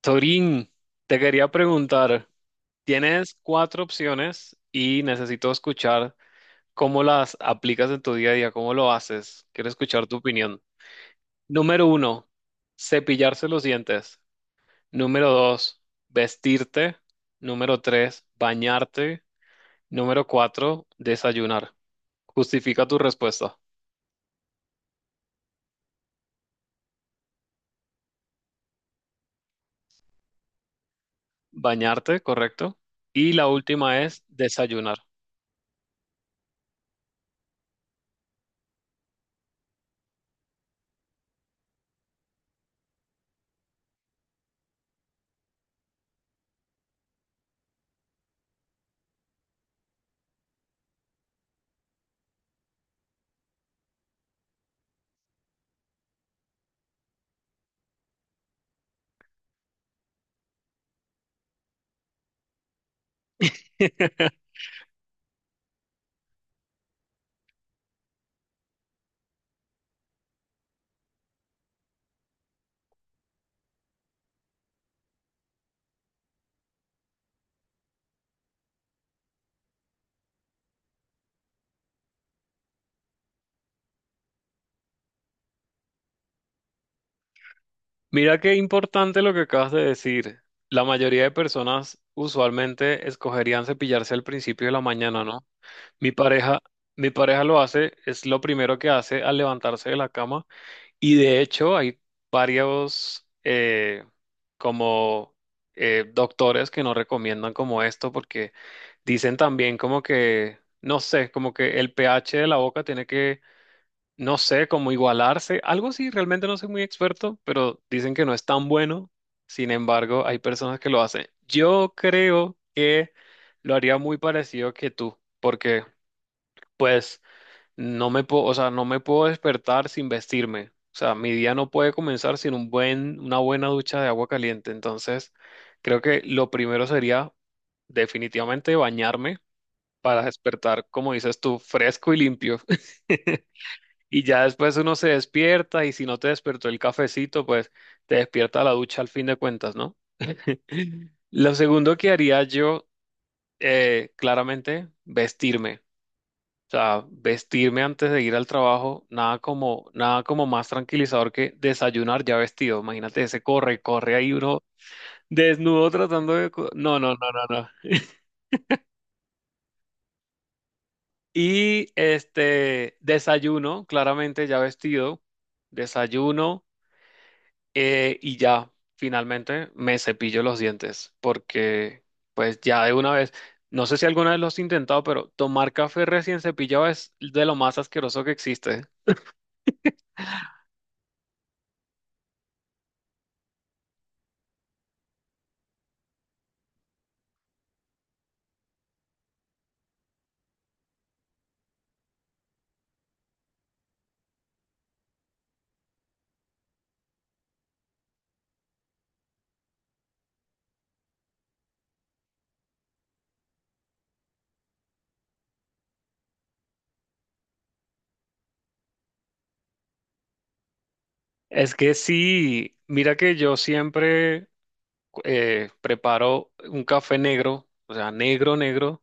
Torín, te quería preguntar, tienes cuatro opciones y necesito escuchar cómo las aplicas en tu día a día, cómo lo haces. Quiero escuchar tu opinión. Número uno, cepillarse los dientes. Número dos, vestirte. Número tres, bañarte. Número cuatro, desayunar. Justifica tu respuesta. Bañarte, correcto. Y la última es desayunar. Mira qué importante lo que acabas de decir. La mayoría de personas usualmente escogerían cepillarse al principio de la mañana, ¿no? Mi pareja, mi pareja lo hace, es lo primero que hace al levantarse de la cama. Y de hecho hay varios como doctores que no recomiendan como esto porque dicen también como que, no sé, como que el pH de la boca tiene que no sé, como igualarse, algo sí, realmente no soy muy experto, pero dicen que no es tan bueno. Sin embargo, hay personas que lo hacen. Yo creo que lo haría muy parecido que tú, porque pues no me puedo, o sea, no me puedo despertar sin vestirme. O sea, mi día no puede comenzar sin un buen, una buena ducha de agua caliente. Entonces, creo que lo primero sería definitivamente bañarme para despertar, como dices tú, fresco y limpio. Y ya después uno se despierta y si no te despertó el cafecito, pues te despierta la ducha al fin de cuentas, ¿no? Lo segundo que haría yo, claramente, vestirme. O sea, vestirme antes de ir al trabajo, nada como, nada como más tranquilizador que desayunar ya vestido. Imagínate ese corre, corre ahí uno desnudo tratando de... No, no, no, no, no. Y este, desayuno, claramente ya vestido. Desayuno. Y ya, finalmente me cepillo los dientes, porque pues ya de una vez, no sé si alguna vez lo has intentado, pero tomar café recién cepillado es de lo más asqueroso que existe. Es que sí, mira que yo siempre preparo un café negro, o sea, negro, negro.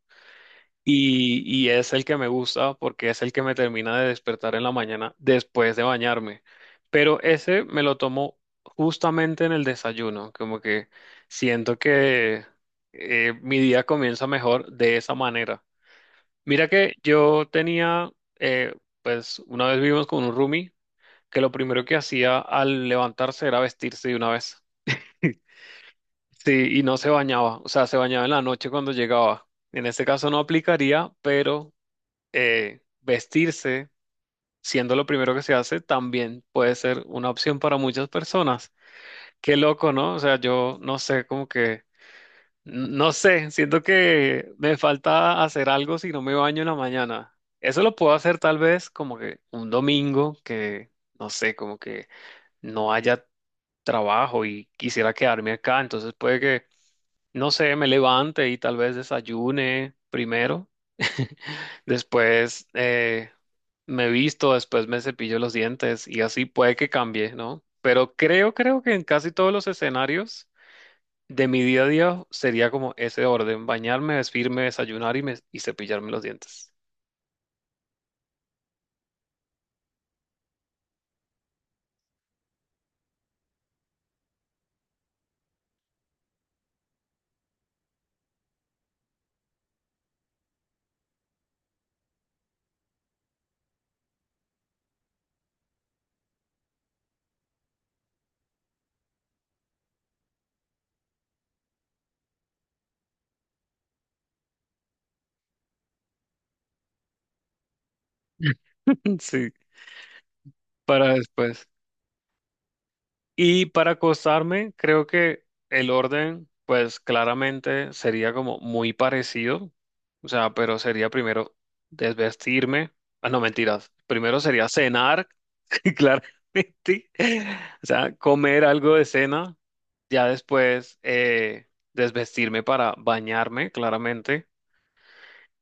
Y es el que me gusta porque es el que me termina de despertar en la mañana después de bañarme. Pero ese me lo tomo justamente en el desayuno, como que siento que mi día comienza mejor de esa manera. Mira que yo tenía, eh, pues una vez vivimos con un roomie que lo primero que hacía al levantarse era vestirse de una vez. Sí, y no se bañaba, o sea, se bañaba en la noche cuando llegaba. En este caso no aplicaría, pero vestirse, siendo lo primero que se hace, también puede ser una opción para muchas personas. Qué loco, ¿no? O sea, yo no sé, como que, no sé, siento que me falta hacer algo si no me baño en la mañana. Eso lo puedo hacer tal vez como que un domingo que, no sé, como que no haya trabajo y quisiera quedarme acá, entonces puede que no sé, me levante y tal vez desayune primero. Después me visto, después me cepillo los dientes y así puede que cambie, ¿no? Pero creo, creo que en casi todos los escenarios de mi día a día sería como ese orden, bañarme, vestirme, desayunar y y cepillarme los dientes. Sí, para después. Y para acostarme, creo que el orden, pues claramente sería como muy parecido. O sea, pero sería primero desvestirme. Ah, no, mentiras. Primero sería cenar, claramente. O sea, comer algo de cena. Ya después desvestirme para bañarme, claramente.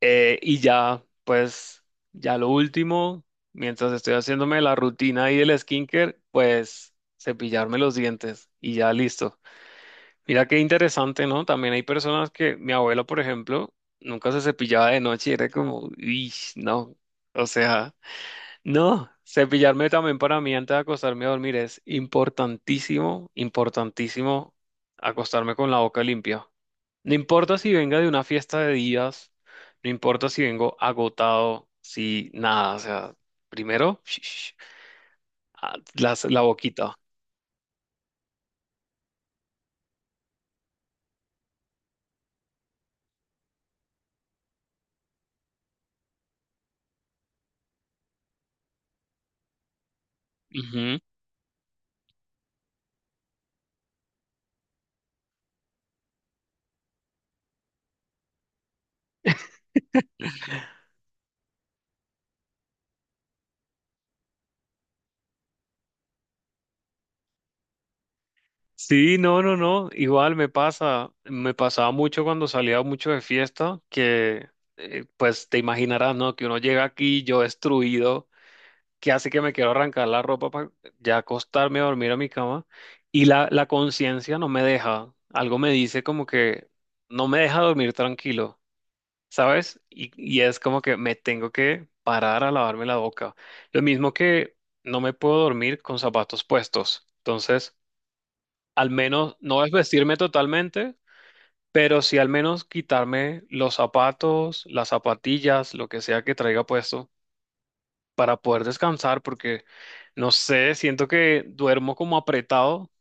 Y ya, pues, ya lo último, mientras estoy haciéndome la rutina y el skincare, pues cepillarme los dientes y ya listo. Mira qué interesante, ¿no? También hay personas que, mi abuela, por ejemplo, nunca se cepillaba de noche y era como, uy, no. O sea, no, cepillarme también para mí antes de acostarme a dormir es importantísimo, importantísimo acostarme con la boca limpia. No importa si venga de una fiesta de días, no importa si vengo agotado, si nada, o sea, primero ah, las- la, boquita. Ujú. Sí, no, no, no, igual me pasa, me pasaba mucho cuando salía mucho de fiesta, que pues te imaginarás, ¿no? Que uno llega aquí yo destruido que hace que me quiero arrancar la ropa para ya acostarme a dormir a mi cama y la conciencia no me deja, algo me dice como que no me deja dormir tranquilo, ¿sabes? Y es como que me tengo que parar a lavarme la boca. Lo mismo que no me puedo dormir con zapatos puestos. Entonces, al menos no es vestirme totalmente. Pero sí al menos quitarme los zapatos, las zapatillas, lo que sea que traiga puesto para poder descansar, porque no sé, siento que duermo como apretado.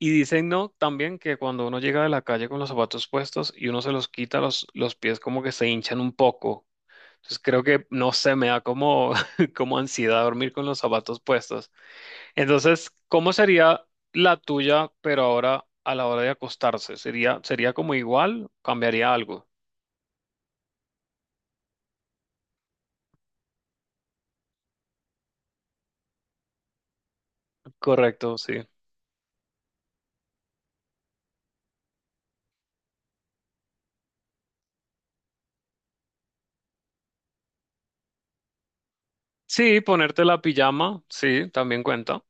Y dicen, no, también que cuando uno llega de la calle con los zapatos puestos y uno se los quita, los pies como que se hinchan un poco. Entonces creo que, no sé, me da como, como ansiedad dormir con los zapatos puestos. Entonces, ¿cómo sería la tuya, pero ahora a la hora de acostarse? ¿Sería, sería como igual? ¿Cambiaría algo? Correcto, sí. Sí, ponerte la pijama, sí, también cuenta.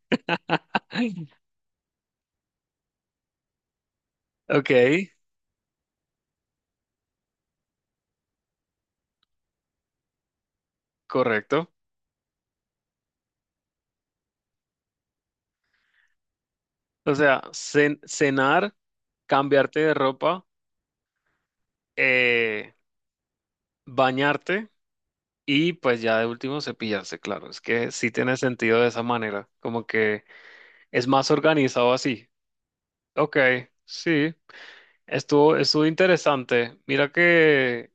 Ok, correcto. O sea, cenar, cambiarte de ropa, eh, bañarte y pues ya de último cepillarse, claro. Es que sí tiene sentido de esa manera, como que es más organizado así. Ok, sí, estuvo, estuvo interesante. Mira que,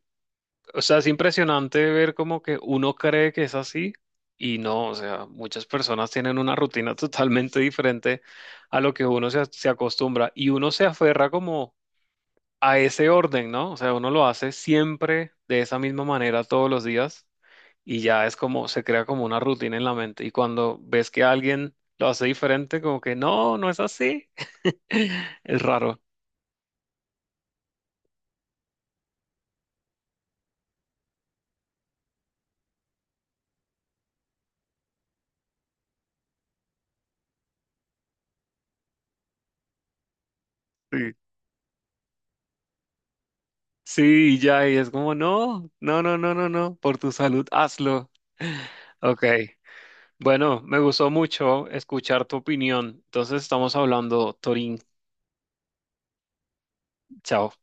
o sea, es impresionante ver como que uno cree que es así y no, o sea, muchas personas tienen una rutina totalmente diferente a lo que uno se, se acostumbra y uno se aferra como a ese orden, ¿no? O sea, uno lo hace siempre de esa misma manera todos los días y ya es como, se crea como una rutina en la mente. Y cuando ves que alguien lo hace diferente, como que no, no es así. Es raro. Sí, sí, y ya, y es como, no, no, no, no, no, no, por tu salud, hazlo. Ok, bueno, me gustó mucho escuchar tu opinión. Entonces estamos hablando, Torín, chao.